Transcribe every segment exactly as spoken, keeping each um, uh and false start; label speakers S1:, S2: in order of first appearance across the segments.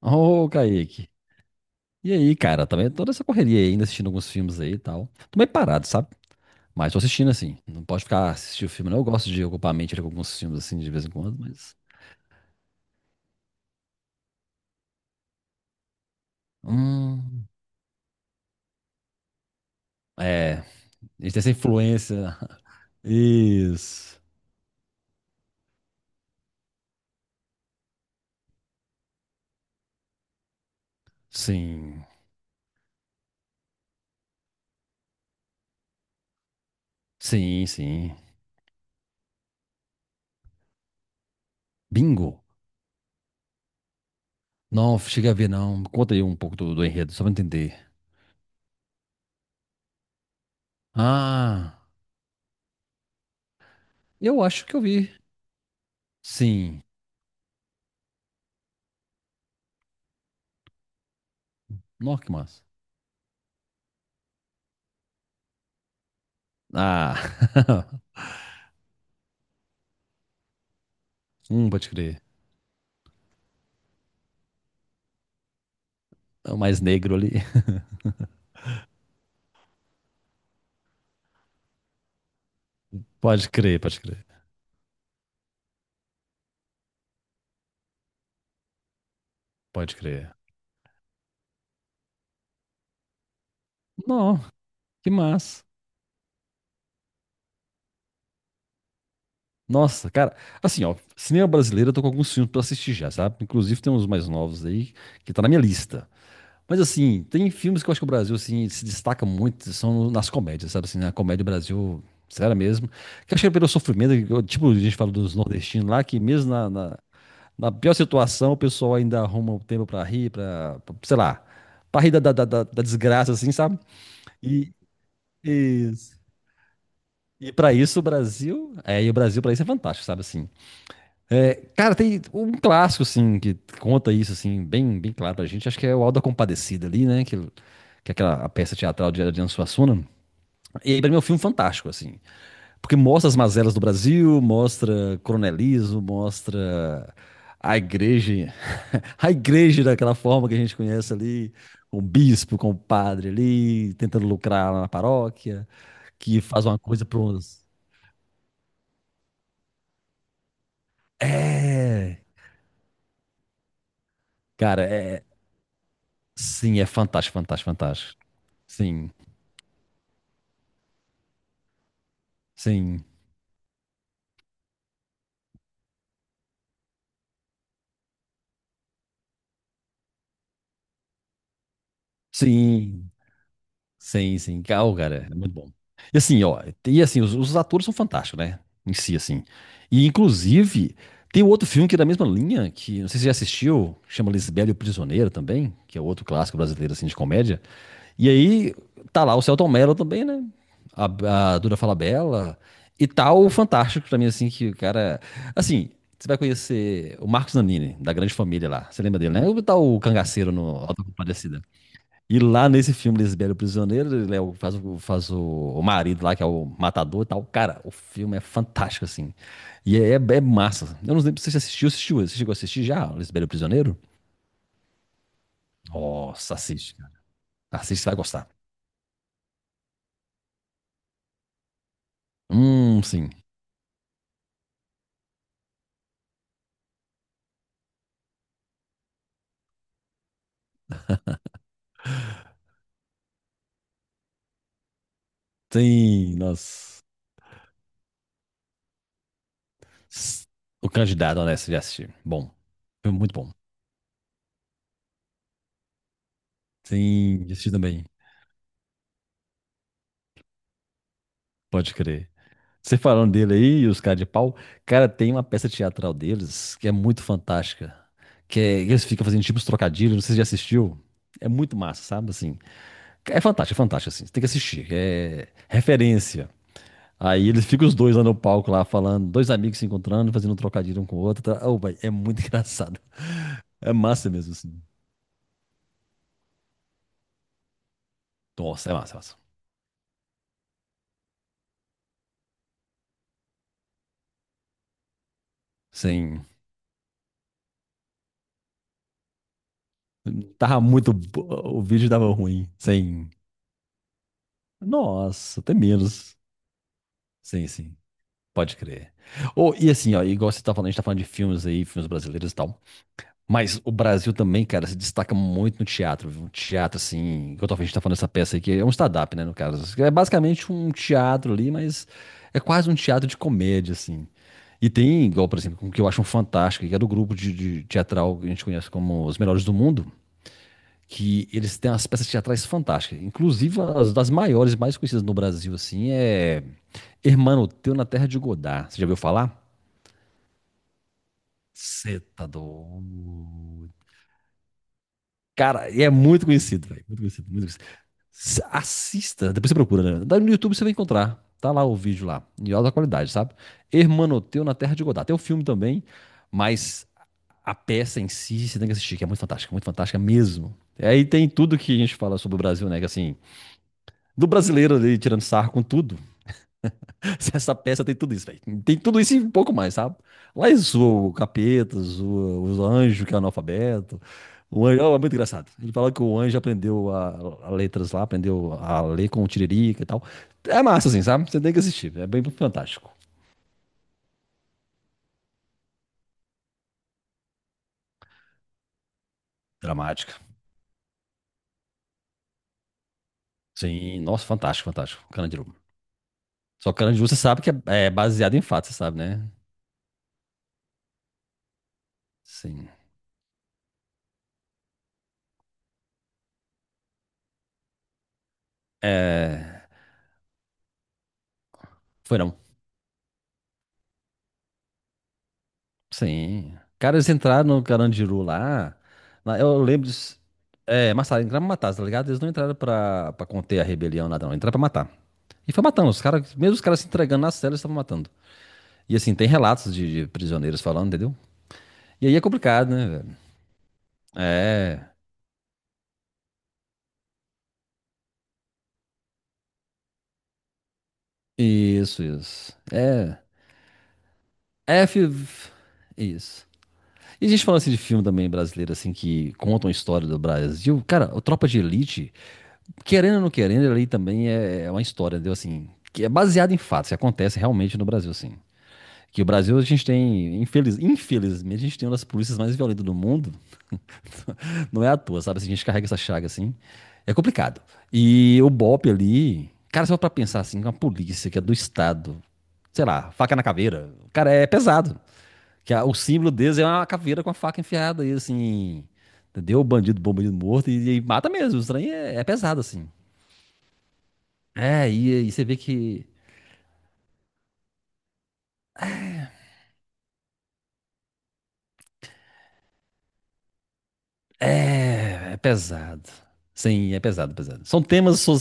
S1: Ô, Kaique. E aí, cara? Também toda essa correria aí, ainda assistindo alguns filmes aí e tal. Tô meio parado, sabe? Mas tô assistindo assim. Não pode ficar assistindo filme, não. Eu gosto de ocupar a mente ali com alguns filmes assim de vez em quando, mas. Hum. É. A gente tem essa influência. Isso. Sim. Sim, sim. Bingo. Não, cheguei a ver, não. Conta aí um pouco do, do enredo, só pra eu entender. Ah, eu acho que eu vi. Sim. Nossa, que massa. Ah, um, pode crer. É o mais negro ali. Pode crer, pode crer, pode crer. Não, que massa. Nossa, cara, assim, ó, cinema brasileiro eu tô com alguns filmes pra assistir já, sabe? Inclusive tem uns mais novos aí que tá na minha lista. Mas assim, tem filmes que eu acho que o Brasil assim se destaca muito, são nas comédias, sabe assim, na comédia do Brasil, sério mesmo. Que eu acho que é pelo sofrimento, que eu- tipo, a gente fala dos nordestinos lá, que mesmo na, na, na pior situação, o pessoal ainda arruma um tempo pra rir, pra, pra- sei lá, pra rir da, da, da, da da desgraça assim, sabe? E, isso. E pra isso o Brasil, é, e o Brasil pra isso é fantástico, sabe assim. É, cara, tem um clássico assim que conta isso assim, bem, bem claro pra gente, acho que é o Auto da Compadecida ali, né, que que é aquela a peça teatral de Adriano Suassuna. E aí pra mim é um filme fantástico assim, porque mostra as mazelas do Brasil, mostra coronelismo, mostra a igreja, a igreja daquela forma que a gente conhece ali, com o bispo, com o padre ali, tentando lucrar lá na paróquia, que faz uma coisa para uns. É. Cara, é. Sim, é fantástico, fantástico, fantástico. Sim, sim, sim, sim, sim. Cara, oh, cara, é muito bom. E assim, ó, e assim, os, os atores são fantásticos, né? Em si, assim. E inclusive, tem outro filme que é da mesma linha, que não sei se você já assistiu, chama Lisbela e o Prisioneiro também, que é outro clássico brasileiro, assim, de comédia. E aí tá lá o Celton Mello também, né? A, a Duda Falabella. E tá o Fantástico pra mim, assim, que o cara. Assim, você vai conhecer o Marcos Nanini, da grande família lá. Você lembra dele, né? O tal cangaceiro no Auto da Compadecida. E lá nesse filme, Lisbelo o Prisioneiro, ele é o- faz, o- faz o, o marido lá, que é o matador e tal. Cara, o filme é fantástico, assim. E é, é é massa. Eu não lembro se você assistiu, assistiu. Você chegou a assistir já, Lisbelo o Prisioneiro? Nossa, assiste, cara. Assiste, você vai gostar. Hum, sim. Sim, nossa. S- O Candidato, honesto, já assisti. Bom. Foi muito bom. Sim, já assisti também. Pode crer. Você falando dele aí, e os caras de pau. Cara, tem uma peça teatral deles que é muito fantástica. Que é, eles ficam fazendo tipo uns trocadilhos, não sei se você já assistiu. É muito massa, sabe? Assim, é fantástico, é fantástico, assim. Você tem que assistir. É referência. Aí eles ficam os dois lá no palco, lá falando, dois amigos se encontrando, fazendo um trocadilho um com o outro. Tá? Oh, vai, é muito engraçado. É massa mesmo, assim. Nossa, é massa, é massa. Sim. Tava muito. bo- O vídeo tava ruim. Sim. Nossa, até menos. Sim, sim. Pode crer. Ou e assim, ó, igual você tá falando, a gente tá falando de filmes aí, filmes brasileiros e tal. Mas o Brasil também, cara, se destaca muito no teatro, viu? Um teatro, assim, igual talvez a gente tá falando dessa peça aí, que é um stand-up, né, no caso. É basicamente um teatro ali, mas é quase um teatro de comédia, assim. E tem, igual, por exemplo, o que eu acho um fantástico, que é do grupo de, de teatral que a gente conhece como Os Melhores do Mundo. Que eles têm umas peças teatrais fantásticas. Inclusive, as das maiores, mais conhecidas no Brasil, assim, é Hermano Teu na Terra de Godá. Você já ouviu falar? Cê tá doido. Cara, e é muito conhecido, velho. Muito conhecido, muito conhecido. S- Assista, depois você procura, né? Dá no YouTube você vai encontrar. Tá lá o vídeo lá, em alta qualidade, sabe? Hermanoteu na Terra de Godá. Tem o filme também, mas a peça em si você tem que assistir, que é muito fantástica, muito fantástica mesmo. E aí tem tudo que a gente fala sobre o Brasil, né? Que assim, do brasileiro ali tirando sarro com tudo. Essa peça tem tudo isso, velho. Tem tudo isso e um pouco mais, sabe? Lá eles zoam o capeta, zoa os anjos que é analfabeto. O anjo, ó, é muito engraçado. Ele fala que o anjo aprendeu a, a letras lá, aprendeu a ler com o Tiririca e tal. É massa, assim, sabe? Você tem que assistir. É bem fantástico. Dramática. Sim, nossa, fantástico, fantástico. Carandiru. Só que Carandiru você sabe que é, é baseado em fatos, você sabe, né? Sim. É. Foi não. Sim. Cara, eles entraram no Carandiru lá. lá- Eu lembro disso. É, mataram, entraram pra matar, tá ligado? Eles não entraram pra, pra conter a rebelião lá, não. Entraram pra matar. E foi matando. Os caras, mesmo os caras se entregando nas celas, estavam matando. E assim, tem relatos de, de prisioneiros falando, entendeu? E aí é complicado, né, velho? É. Isso, isso. É. É. fi- Isso. E a gente falando assim de filme também brasileiro, assim, que contam a história do Brasil. Cara, o Tropa de Elite, querendo ou não querendo, ali também é, é uma história, entendeu? Assim, que é baseada em fatos, que acontece realmente no Brasil, assim. Que o Brasil, a gente tem, infeliz, infelizmente, a gente tem uma das polícias mais violentas do mundo. Não é à toa, sabe? Se a gente carrega essa chaga, assim, é complicado. E o BOPE ali, cara, só pra pensar, assim, uma polícia que é do Estado, sei lá, faca na caveira, cara, é pesado. Que a- o símbolo deles é uma caveira com a faca enfiada e assim, entendeu? Bandido bom, bandido morto, e, e mata mesmo. O estranho é, é pesado, assim. É, e, e você vê que é, é pesado. Sim, é pesado, pesado. São temas. so-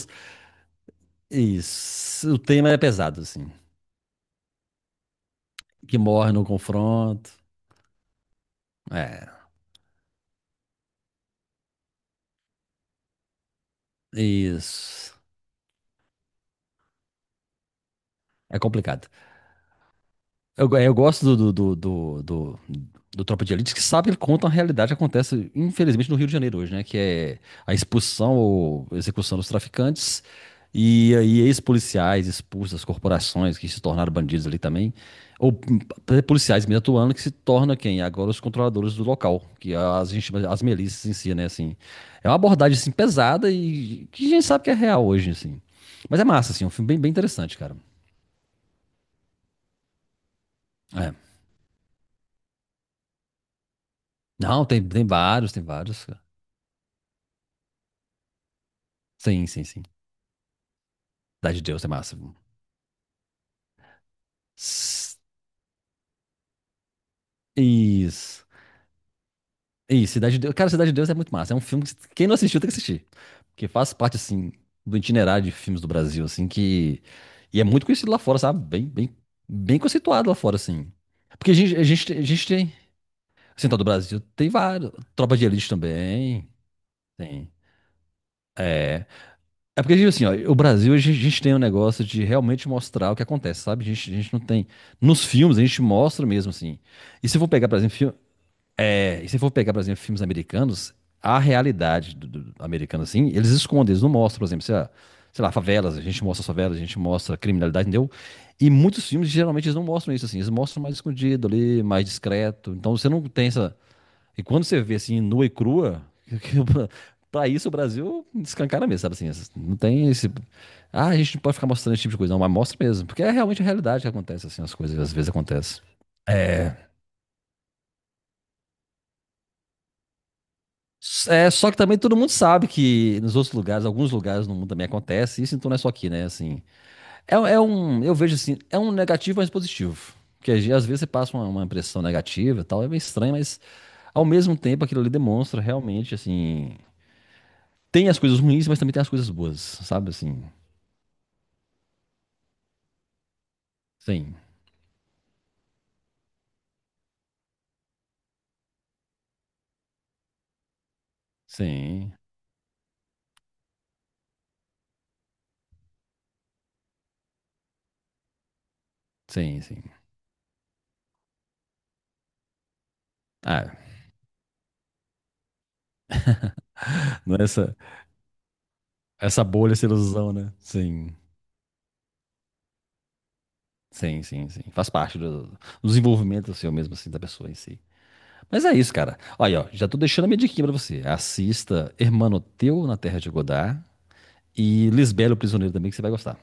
S1: Isso. O tema é pesado, assim. Que morre no confronto. É, isso. É complicado. Eu, go- eu gosto do, do, do, do, do- do Tropa de Elite que sabe ele conta a realidade que acontece, infelizmente, no Rio de Janeiro hoje, né? Que é a expulsão ou execução dos traficantes e aí ex-policiais expulsos das corporações que se tornaram bandidos ali também. Ou p- policiais mesmo atuando que se torna quem? Agora os controladores do local, que é as, gente chama- as milícias em si, né? Assim, é uma abordagem assim, pesada e que a gente sabe que é real hoje, assim. Mas é massa, assim, é um filme bem, bem interessante, cara. É. Não, tem, tem vários, tem vários, cara. Sim, sim, sim. Cidade de Deus é massa. S- Isso. Isso, Cidade de Deus. Cara, Cidade de Deus é muito massa. É um filme que quem não assistiu tem que assistir. Porque faz parte, assim, do itinerário de filmes do Brasil, assim, que. E é muito conhecido lá fora, sabe? Bem, bem, bem conceituado lá fora, assim. Porque a gente, a gente, a gente tem. Assim, tá, do Brasil tem vários. Tropa de Elite também. Tem. É. É porque, tipo assim, ó, o Brasil, a gente, a gente tem um negócio de realmente mostrar o que acontece, sabe? A gente, a gente não tem. Nos filmes, a gente mostra mesmo, assim. E se eu for pegar, por exemplo, fi- É, e se for pegar, por exemplo, filmes americanos, a realidade do, do americano, assim, eles escondem, eles não mostram, por exemplo, sei lá, sei lá, favelas, a gente mostra as favelas, a gente mostra a criminalidade, entendeu? E muitos filmes, geralmente, eles não mostram isso, assim, eles mostram mais escondido ali, mais discreto, então você não tem essa. E quando você vê, assim, nua e crua, pra isso o Brasil escancara mesmo, sabe, assim, essas- não tem esse. Ah, a gente não pode ficar mostrando esse tipo de coisa, não, mas mostra mesmo, porque é realmente a realidade que acontece, assim, as coisas às vezes acontecem. É, é, só que também todo mundo sabe que nos outros lugares, alguns lugares no mundo também acontece isso, então não é só aqui, né? Assim, é, é, um, eu vejo assim, é um negativo, mas positivo. Porque às às vezes você passa uma, uma impressão negativa e tal, é meio estranho, mas ao mesmo tempo aquilo ali demonstra realmente, assim, tem as coisas ruins, mas também tem as coisas boas, sabe? Assim, sim, sim, sim, sim. Ah, não é essa, essa bolha, essa ilusão, né? Sim, sim, sim, sim. Faz parte do, do desenvolvimento, assim, ou mesmo assim, da pessoa em si. Mas é isso, cara. Olha, ó, já tô deixando a minha dica pra você. Assista Hermano Teu na Terra de Godard e Lisbela, o Prisioneiro também, que você vai gostar.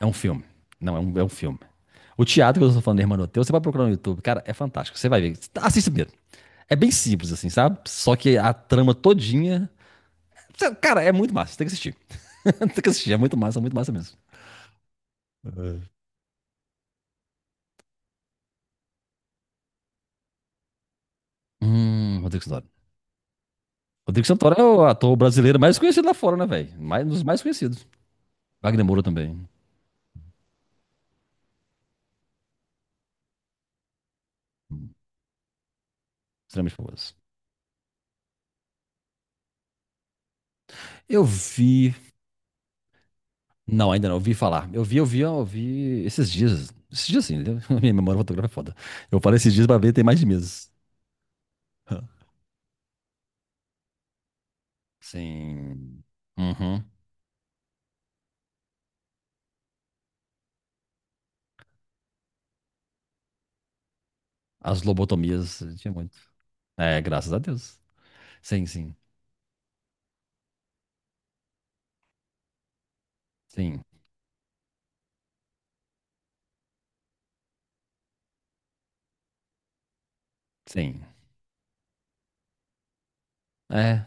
S1: É um filme. Não, é um, é um filme. O teatro que eu tô falando, Hermano Teu, você vai procurar no YouTube. Cara, é fantástico. Você vai ver. Assista primeiro. É bem simples, assim, sabe? Só que a trama todinha. Cara, é muito massa. Tem que assistir. Tem que assistir. É muito massa, muito massa mesmo. Hum, Rodrigo Santoro. Rodrigo Santoro é o ator brasileiro mais conhecido lá fora, né, velho? Mais, um dos mais conhecidos. Wagner Moura também. Extremamente famoso. Eu vi. Não, ainda não. Eu vi falar. Eu vi, eu vi, eu vi esses dias. Esses dias sim, entendeu? Minha memória fotográfica é foda. Eu falei esses dias pra ver, tem mais de meses. Sim. Uhum. As lobotomias, tinha muito. É, graças a Deus. Sim, sim. Sim, sim. É,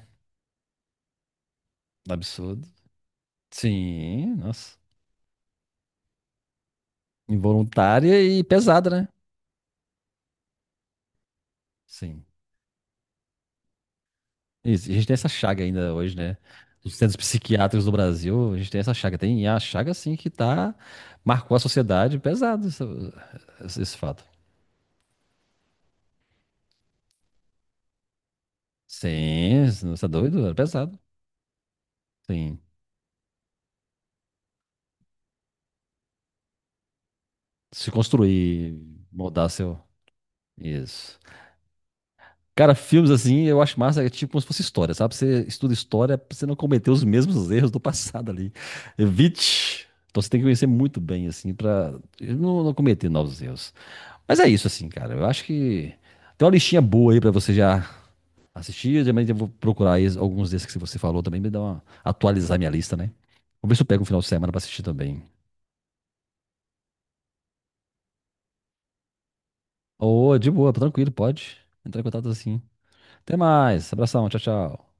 S1: absurdo. Sim, nossa. Involuntária e pesada, né? Sim. Isso. E a gente tem essa chaga ainda hoje, né? Os centros psiquiátricos do Brasil, a gente tem essa chaga. Tem, e é a chaga, assim, que tá. Marcou a sociedade pesado. essa- esse, esse fato. Sim, você é doido? Era pesado. Sim. Se construir, moldar seu. Isso. Cara, filmes assim, eu acho massa, é tipo como se fosse história, sabe? Você estuda história pra você não cometer os mesmos erros do passado ali. Evite. Então você tem que conhecer muito bem, assim, pra não, não cometer novos erros. Mas é isso, assim, cara. Eu acho que tem uma listinha boa aí pra você já assistir. Também eu vou procurar aí alguns desses que você falou também, me dar uma atualizar minha lista, né? Vou ver se eu pego um final de semana pra assistir também. Ô, de boa, tranquilo, pode entrar em contato assim. Até mais, abração, tchau, tchau.